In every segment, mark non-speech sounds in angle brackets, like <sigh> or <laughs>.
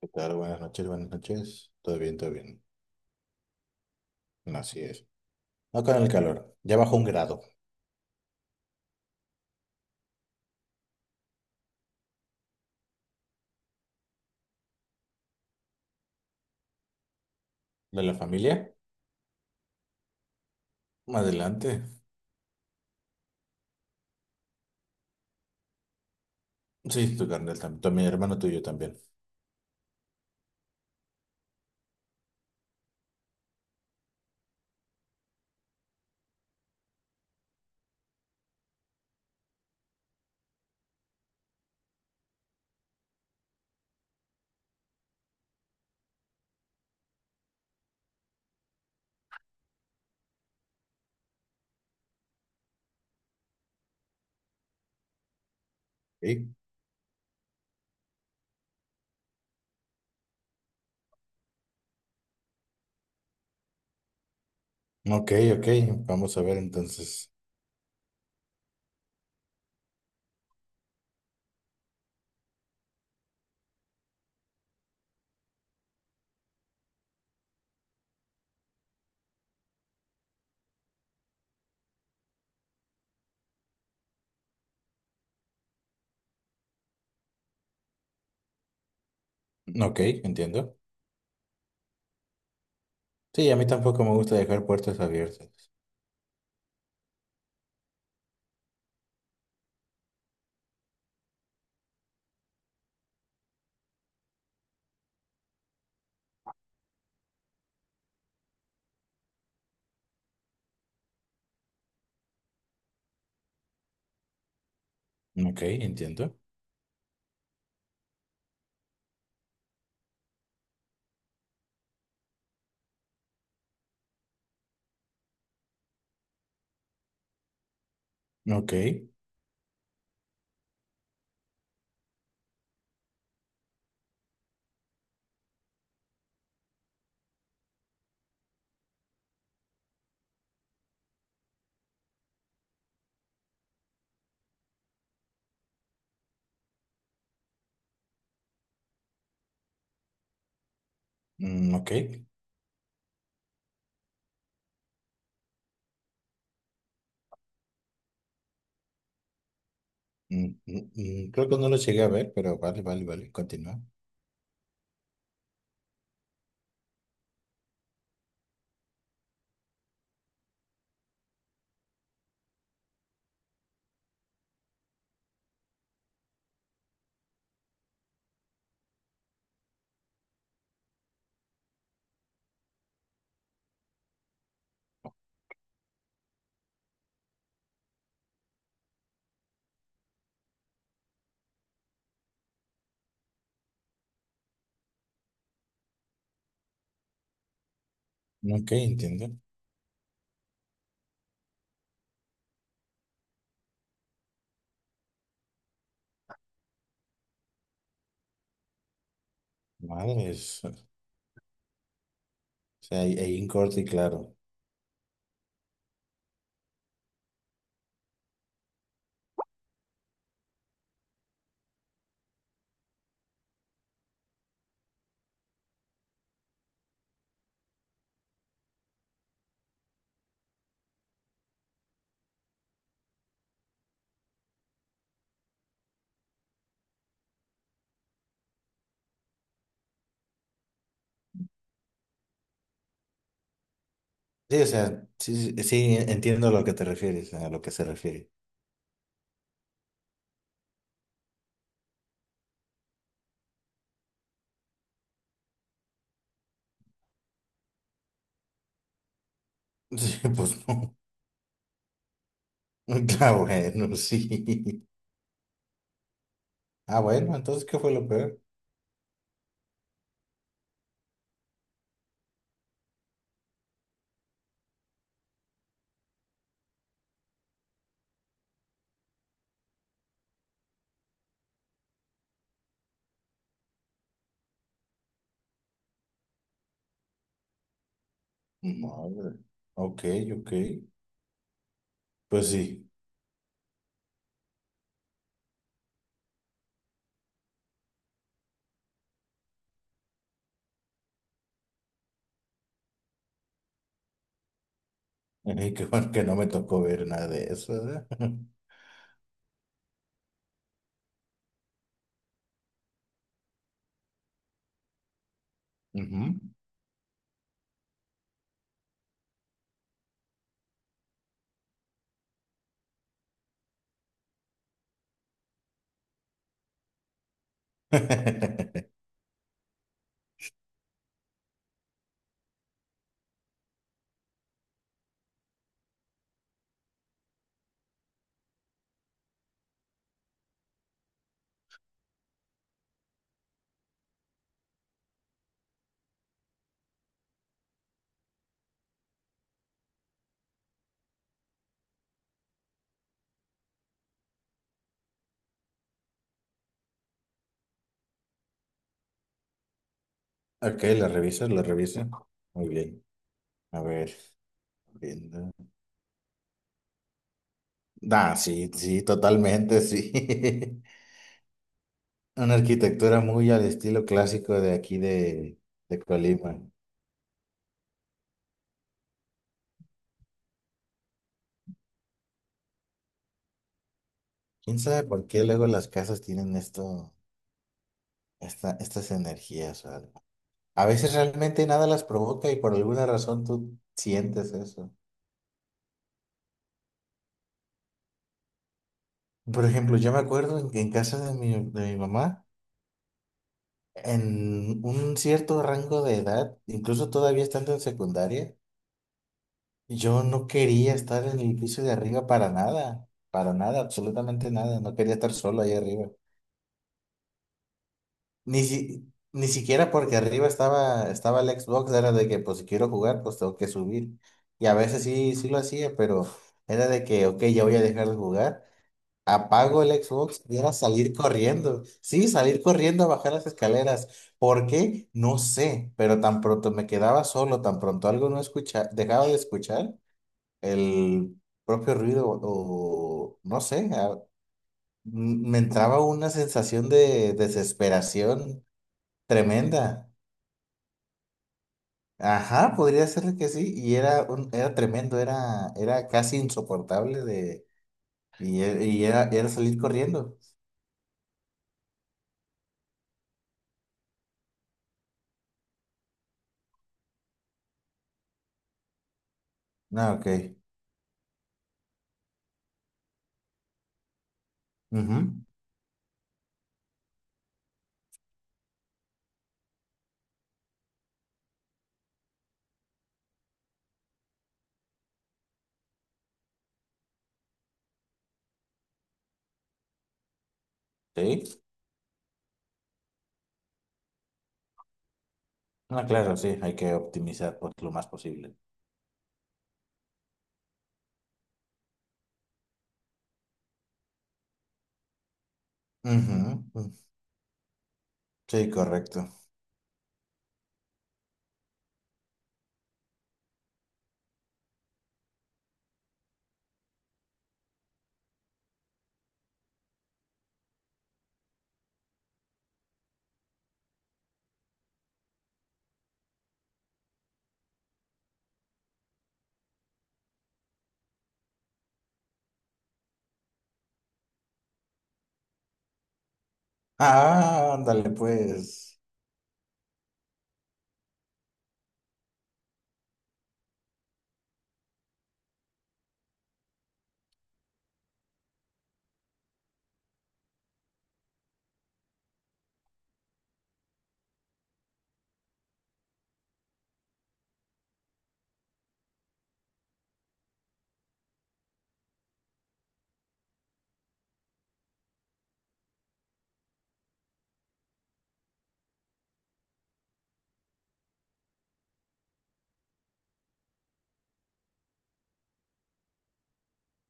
¿Qué tal? Buenas noches, buenas noches. Todo bien, todo bien. Así es. No con el calor. Ya bajó un grado. ¿De la familia? Más adelante. Sí, tu carnal también. Mi hermano tuyo también. Sí. Ok, ok. Vamos a ver entonces. Ok, entiendo. Sí, a mí tampoco me gusta dejar puertas abiertas. Ok, entiendo. Ok. Mm, ok. Mm, mm, mm, creo que no lo llegué a ver, pero vale, vale, vale. Continúa. Ok, entiendo. Madres. O sea, hay un corte y claro. Sí, o sea, sí, sí, sí, entiendo a lo que te refieres, a lo que se refiere. <laughs> Sí, pues no. <laughs> Ah, bueno, sí. Ah, bueno, entonces, ¿qué fue lo peor? Madre. Ok, ok. Pues sí. Qué bueno que no me tocó ver nada de eso, ¿verdad? <laughs> Ujú. <laughs> Ok, la reviso, la reviso. Muy bien. A ver, viendo. Ah, sí, sí, totalmente, sí. <laughs> Una arquitectura muy al estilo clásico de aquí de Colima. ¿Quién sabe por qué luego las casas tienen esto, estas energías o algo? A veces realmente nada las provoca y por alguna razón tú sientes eso. Por ejemplo, yo me acuerdo en casa de mi mamá, en un cierto rango de edad, incluso todavía estando en secundaria, yo no quería estar en el piso de arriba para nada, absolutamente nada, no quería estar solo ahí arriba. Ni siquiera porque arriba estaba, estaba el Xbox, era de que pues si quiero jugar, pues tengo que subir. Y a veces sí, sí lo hacía, pero era de que, ok, ya voy a dejar de jugar. Apago el Xbox y era salir corriendo. Sí, salir corriendo a bajar las escaleras. ¿Por qué? No sé, pero tan pronto me quedaba solo, tan pronto algo no escucha, dejaba de escuchar el propio ruido o no sé, me entraba una sensación de desesperación tremenda. Ajá, podría ser que sí. Y era un, era tremendo, era, era casi insoportable de, y era, era salir corriendo. Ah, ok. Ujú. Sí. Ah, claro, sí, hay que optimizar pues, lo más posible. Ujú, ujú. Sí, correcto. Ah, ándale, pues.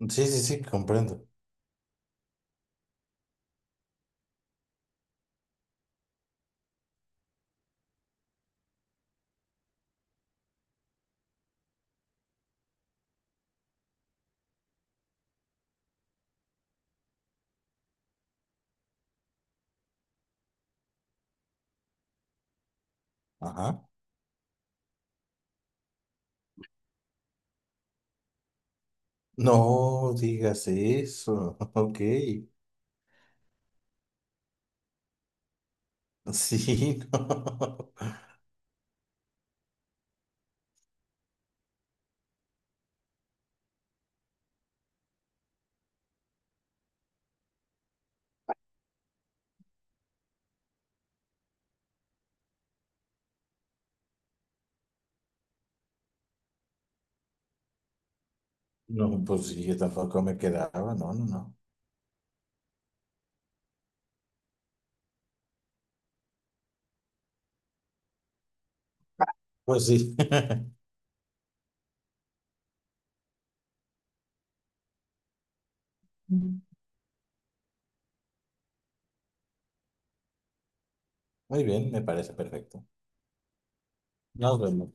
Sí, sí, sí, comprendo. Ajá. No digas eso. <laughs> Ok. Sí, <laughs> no. No, pues sí, yo tampoco me quedaba. No, no, no. Pues sí. <laughs> Muy bien, me parece perfecto. Nos vemos.